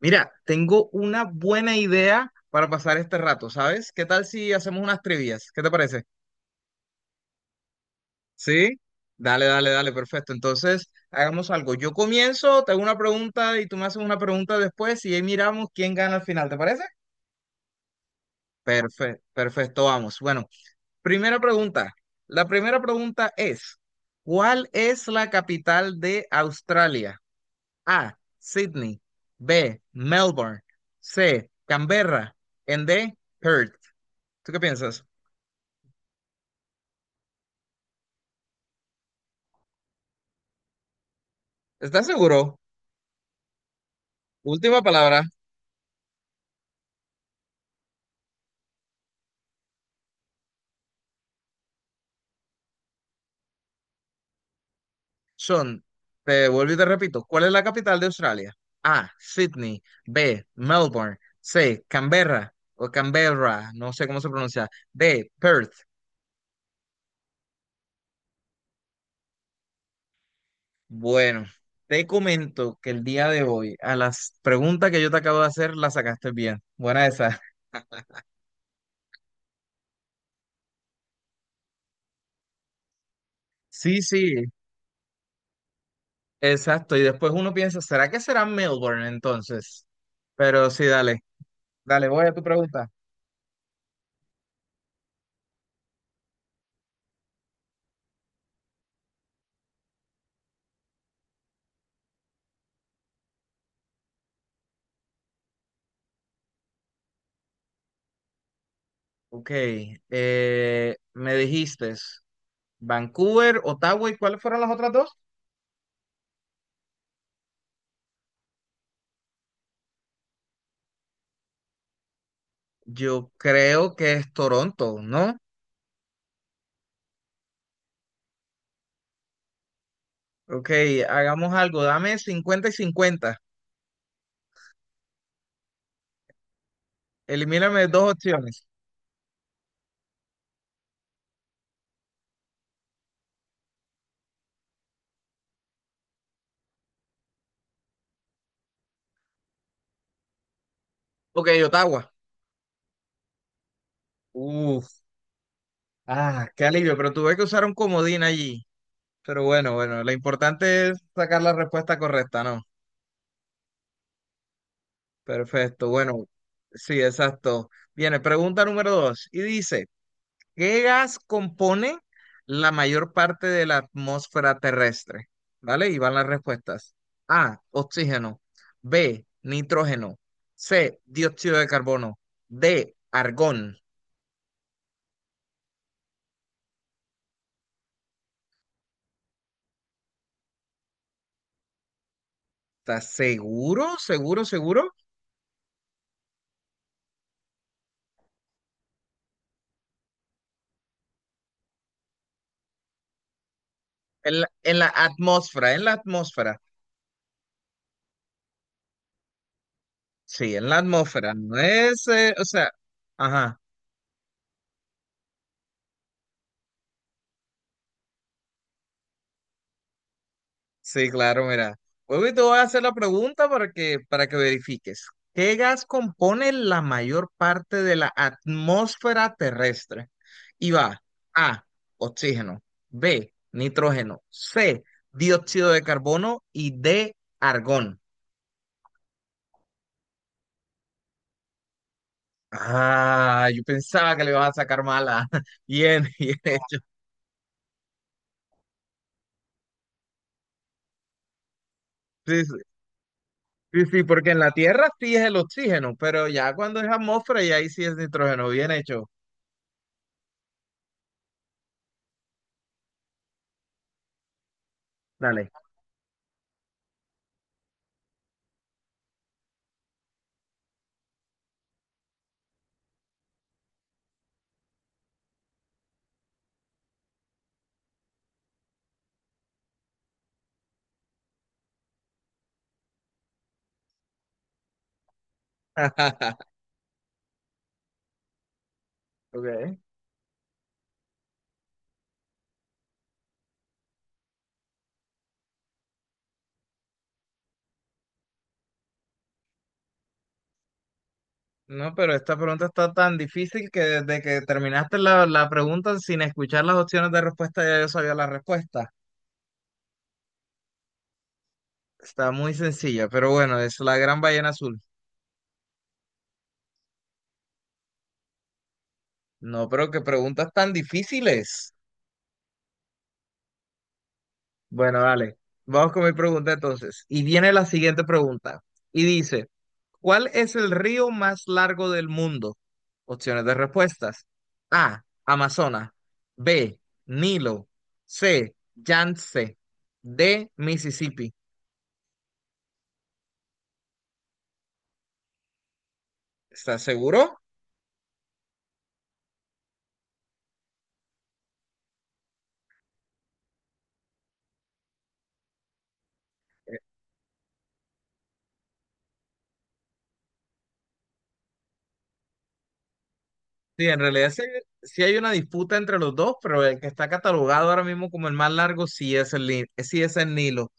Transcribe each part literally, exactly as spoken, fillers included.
Mira, tengo una buena idea para pasar este rato, ¿sabes? ¿Qué tal si hacemos unas trivias? ¿Qué te parece? ¿Sí? Dale, dale, dale, perfecto. Entonces, hagamos algo. Yo comienzo, te hago una pregunta y tú me haces una pregunta después y ahí miramos quién gana al final, ¿te parece? Perfecto, perfecto, vamos. Bueno, primera pregunta. La primera pregunta es, ¿cuál es la capital de Australia? A, Sydney, B, Melbourne, C, Canberra, en D, Perth. ¿Tú qué piensas? ¿Estás seguro? Última palabra. Son. Te vuelvo y te repito. ¿Cuál es la capital de Australia? A. Sydney. B. Melbourne. C. Canberra o Canberra. No sé cómo se pronuncia. D. Perth. Bueno, te comento que el día de hoy a las preguntas que yo te acabo de hacer las sacaste bien. Buena esa. Sí, sí, exacto. Y después uno piensa, ¿será que será Melbourne entonces? Pero sí, dale. Dale, voy a tu pregunta. Ok, eh, me dijiste Vancouver, Ottawa, ¿y cuáles fueron las otras dos? Yo creo que es Toronto, ¿no? Ok, hagamos algo, dame cincuenta y cincuenta, elimíname dos opciones. Ok, Ottawa. Uf, ah, qué alivio, pero tuve que usar un comodín allí. Pero bueno, bueno, lo importante es sacar la respuesta correcta, ¿no? Perfecto, bueno, sí, exacto. Viene, pregunta número dos, y dice: ¿qué gas compone la mayor parte de la atmósfera terrestre? ¿Vale? Y van las respuestas. A, oxígeno. B, nitrógeno. C, dióxido de carbono. D, argón. ¿Estás seguro? ¿Seguro? ¿Seguro? En la, en la atmósfera, en la atmósfera. Sí, en la atmósfera. No es, eh, o sea, ajá. Sí, claro, mira. Hoy te voy a hacer la pregunta para que, para que verifiques. ¿Qué gas compone la mayor parte de la atmósfera terrestre? Y va A, oxígeno, B, nitrógeno, C, dióxido de carbono y D, argón. Ah, yo pensaba que le ibas a sacar mala. Bien, bien. Sí, sí, sí, sí, porque en la Tierra sí es el oxígeno, pero ya cuando es atmósfera y ahí sí es nitrógeno. Bien hecho. Dale. Ok. No, pero esta pregunta está tan difícil que desde que terminaste la, la pregunta sin escuchar las opciones de respuesta ya yo sabía la respuesta. Está muy sencilla, pero bueno, es la gran ballena azul. No, pero qué preguntas tan difíciles. Bueno, dale, vamos con mi pregunta entonces. Y viene la siguiente pregunta. Y dice, ¿cuál es el río más largo del mundo? Opciones de respuestas. A, Amazonas. B, Nilo. C, Yangtze. D, Mississippi. ¿Estás seguro? Sí, en realidad sí, sí hay una disputa entre los dos, pero el que está catalogado ahora mismo como el más largo sí es el, Ni- sí es el Nilo.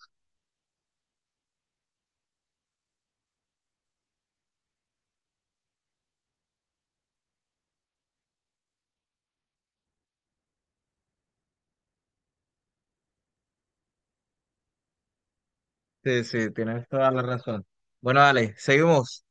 Sí, sí, tienes toda la razón. Bueno, dale, seguimos.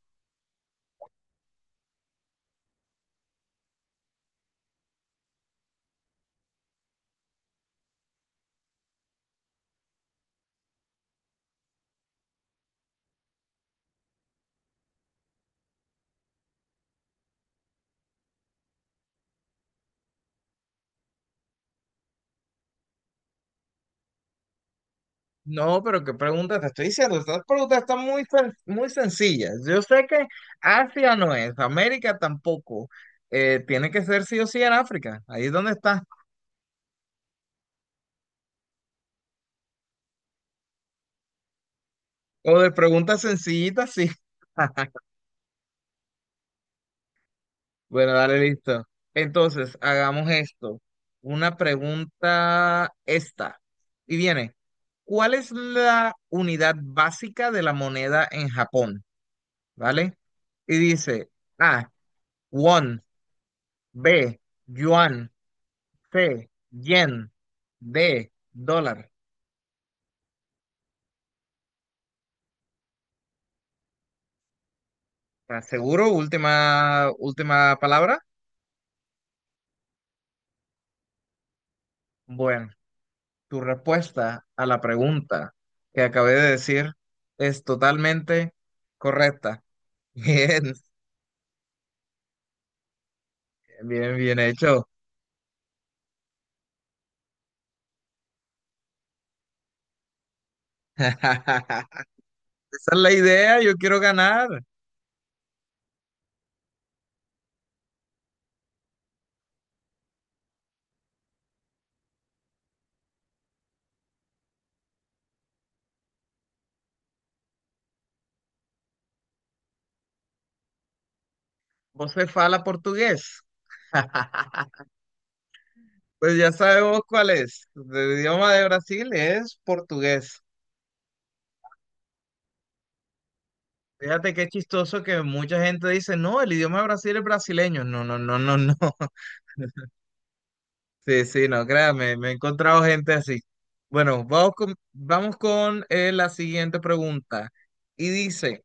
No, pero qué pregunta te estoy diciendo. Estas preguntas están muy, sen- muy sencillas. Yo sé que Asia no es, América tampoco. Eh, tiene que ser sí o sí en África. Ahí es donde está. O de preguntas sencillitas, sí. Bueno, dale, listo. Entonces, hagamos esto. Una pregunta esta. Y viene, ¿cuál es la unidad básica de la moneda en Japón? ¿Vale? Y dice A, won, B, yuan, C, yen, D, dólar. ¿Estás seguro? Última, última palabra. Bueno, tu respuesta a la pregunta que acabé de decir es totalmente correcta. Bien. Bien, bien hecho. Esa es la idea, yo quiero ganar. Vos se fala portugués. Pues ya sabemos cuál es. El idioma de Brasil es portugués. Fíjate qué chistoso que mucha gente dice, no, el idioma de Brasil es brasileño. No, no, no, no, no. Sí, sí, no, créame, me he encontrado gente así. Bueno, vamos con, vamos con eh, la siguiente pregunta. Y dice,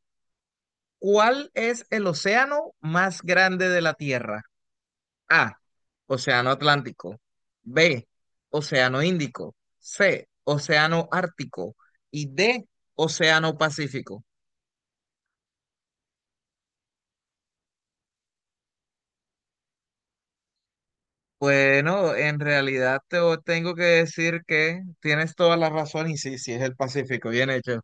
¿cuál es el océano más grande de la Tierra? A, Océano Atlántico. B, Océano Índico. C, Océano Ártico. Y D, Océano Pacífico. Bueno, en realidad te o- tengo que decir que tienes toda la razón y sí, sí es el Pacífico, bien hecho.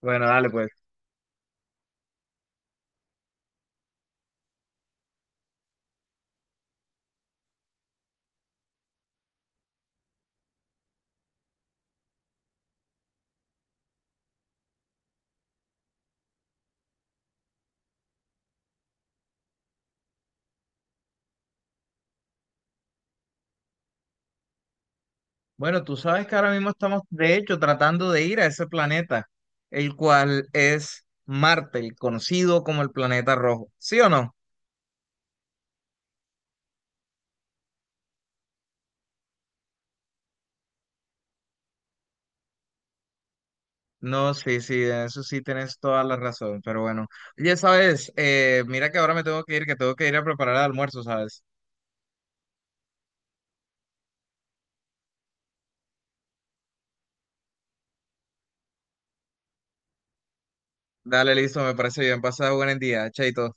Bueno, dale pues. Bueno, tú sabes que ahora mismo estamos, de hecho, tratando de ir a ese planeta, el cual es Marte, el conocido como el planeta rojo. ¿Sí o no? No, sí, sí, en eso sí tienes toda la razón, pero bueno. Oye, sabes, eh, mira que ahora me tengo que ir, que tengo que ir a preparar el almuerzo, ¿sabes? Dale, listo, me parece bien, pasa buen día, chaito.